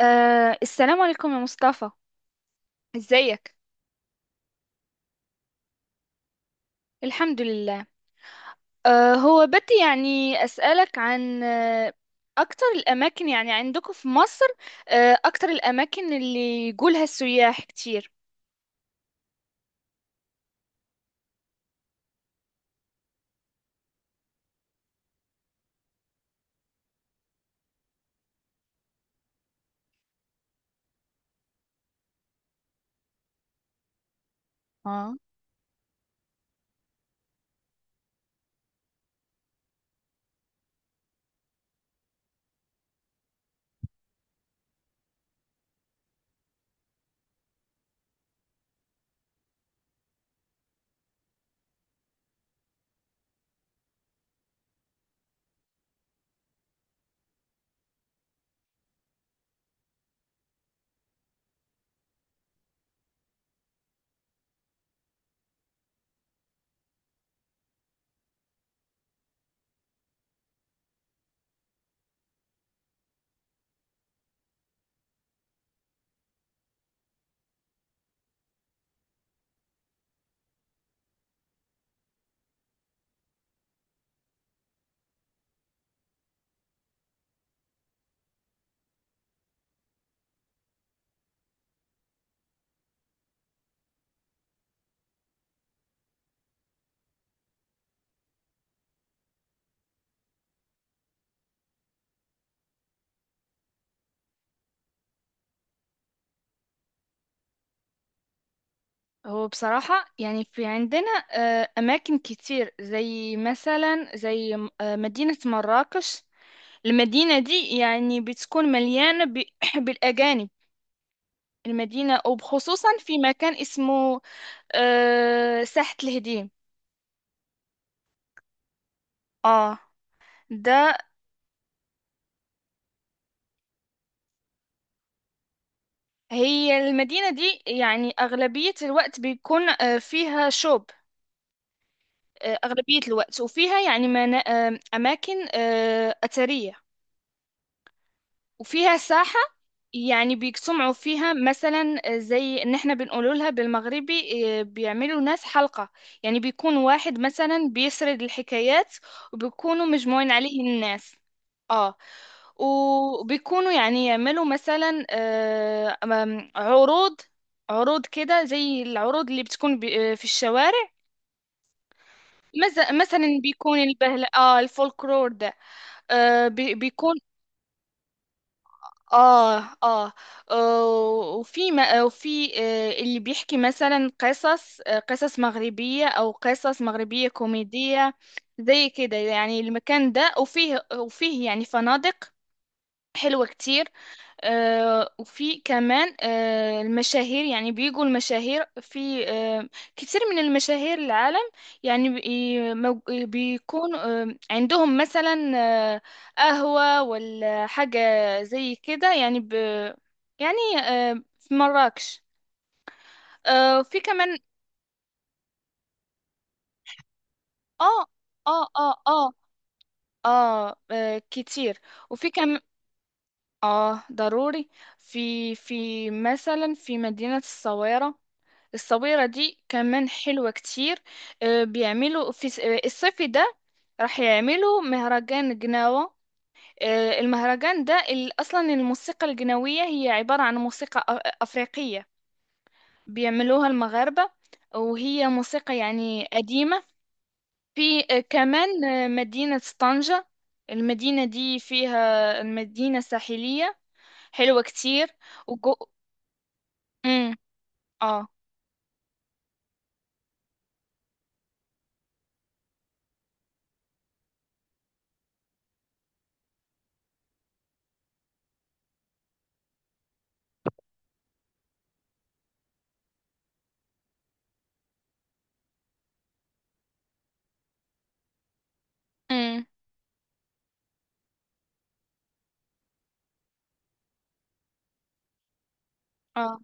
السلام عليكم يا مصطفى. ازيك؟ الحمد لله. هو بدي يعني أسألك عن أكتر الأماكن يعني عندكم في مصر. أكتر الأماكن اللي يقولها السياح كتير. اه هو بصراحة يعني في عندنا أماكن كتير زي مثلا زي مدينة مراكش. المدينة دي يعني بتكون مليانة بالأجانب. المدينة وبخصوصا في مكان اسمه ساحة الهديم. اه ده. هي المدينة دي يعني أغلبية الوقت بيكون فيها شوب، أغلبية الوقت وفيها يعني أماكن أثرية، وفيها ساحة يعني بيجتمعوا فيها مثلا زي ان احنا بنقول لها بالمغربي إيه، بيعملوا ناس حلقة. يعني بيكون واحد مثلا بيسرد الحكايات، وبيكونوا مجموعين عليه الناس. اه. وبيكونوا يعني يعملوا مثلا عروض، عروض كده زي العروض اللي بتكون في الشوارع. مثلا بيكون البهل الفولكلور ده بيكون. آه آه آه، وفي ما- آه، وفي اللي بيحكي مثلا قصص، قصص مغربية أو قصص مغربية كوميدية زي كده. يعني المكان ده وفيه يعني فنادق حلوة كتير. وفي كمان المشاهير، يعني بيجوا المشاهير في كتير من المشاهير العالم. يعني بيكون عندهم مثلا آه، قهوة ولا حاجة زي كده يعني. يعني في مراكش، وفي كمان. اه اه اه اه كتير. وفي كمان اه ضروري. في مثلا في مدينة الصويرة. الصبيرة دي كمان حلوة كتير. بيعملوا في الصيف ده راح يعملوا مهرجان جناوة. المهرجان ده أصلا الموسيقى الجناوية هي عبارة عن موسيقى أفريقية بيعملوها المغاربة، وهي موسيقى يعني قديمة. في كمان مدينة طنجة. المدينة دي فيها، المدينة ساحلية حلوة كتير. وجو... مم. اه. مم. اه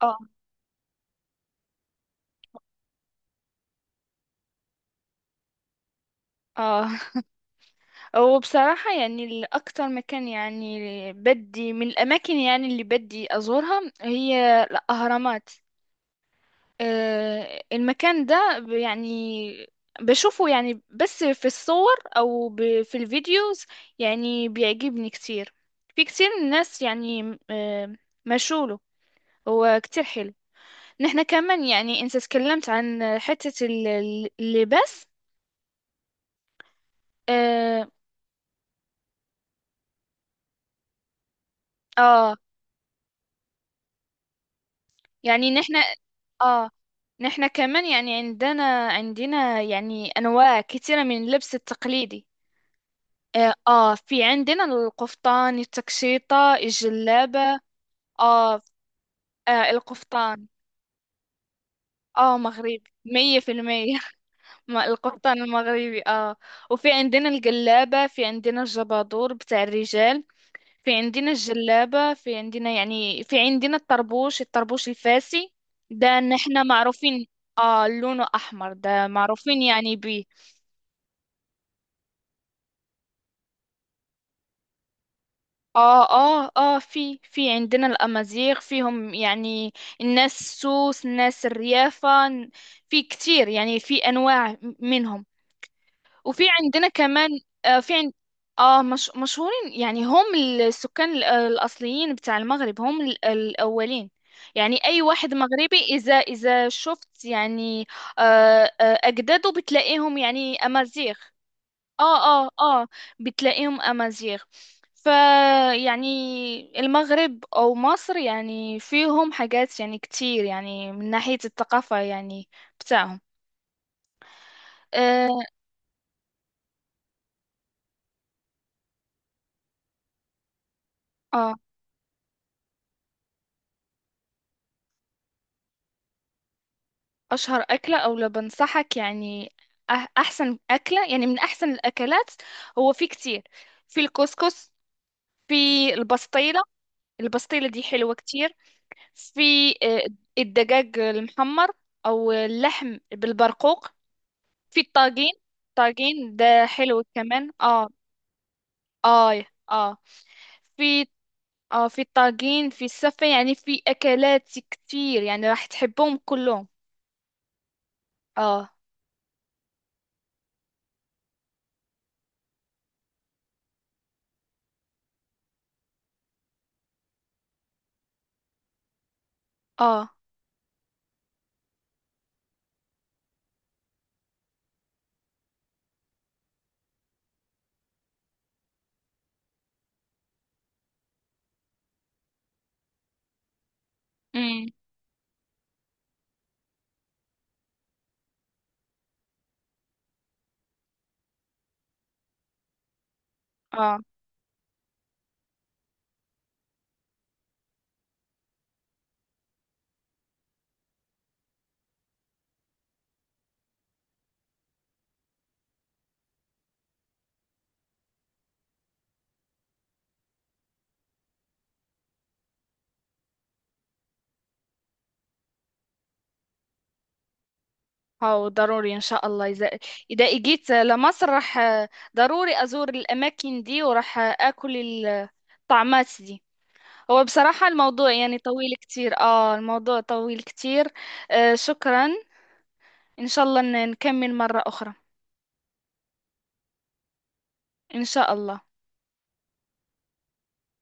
اه اه. وبصراحة يعني الأكتر مكان يعني بدي من الأماكن يعني اللي بدي أزورها هي الأهرامات. المكان ده يعني بشوفه يعني بس في الصور أو في الفيديوز. يعني بيعجبني كتير. في كتير من الناس يعني مشوله، هو كتير حلو. نحنا كمان يعني أنت تكلمت عن حتة اللباس. آه, آه يعني اه نحنا كمان يعني عندنا يعني انواع كثيره من اللبس التقليدي. اه، في عندنا القفطان، التكشيطه، الجلابه. اه، القفطان. اه، مغربي 100% القفطان المغربي، اه. وفي عندنا الجلابه، في عندنا الجبادور بتاع الرجال، في عندنا الجلابة، في عندنا يعني في عندنا الطربوش الفاسي ده ان احنا معروفين. اه، لونه احمر، ده معروفين يعني بيه. اه اه في عندنا الامازيغ فيهم يعني، الناس السوس، الناس الريافة، في كتير يعني في انواع منهم. وفي عندنا كمان آه، في عند اه مش... مشهورين يعني، هم السكان الأصليين بتاع المغرب، هم الأولين. يعني أي واحد مغربي إذا شفت يعني أجداده بتلاقيهم يعني أمازيغ. اه اه اه بتلاقيهم أمازيغ. ف يعني المغرب أو مصر يعني فيهم حاجات يعني كتير يعني من ناحية الثقافة يعني بتاعهم. اه. آه. اشهر اكله، او لو بنصحك يعني احسن اكله يعني، من احسن الاكلات، هو في كتير. في الكسكس، في البسطيله. البسطيله دي حلوه كتير. في آه، الدجاج المحمر، او اللحم بالبرقوق، في الطاجين. الطاجين ده حلو كمان. اه اه اه. في، اه، في الطاجين، في السفه، يعني في اكلات كتير يعني راح تحبهم كلهم. اه اه امم اه. أو ضروري إن شاء الله، إذا إجيت لمصر راح ضروري أزور الأماكن دي وراح أكل الطعمات دي. هو بصراحة الموضوع يعني طويل كتير، الموضوع طويل كتير. شكرا، إن شاء الله نكمل مرة أخرى. إن شاء الله.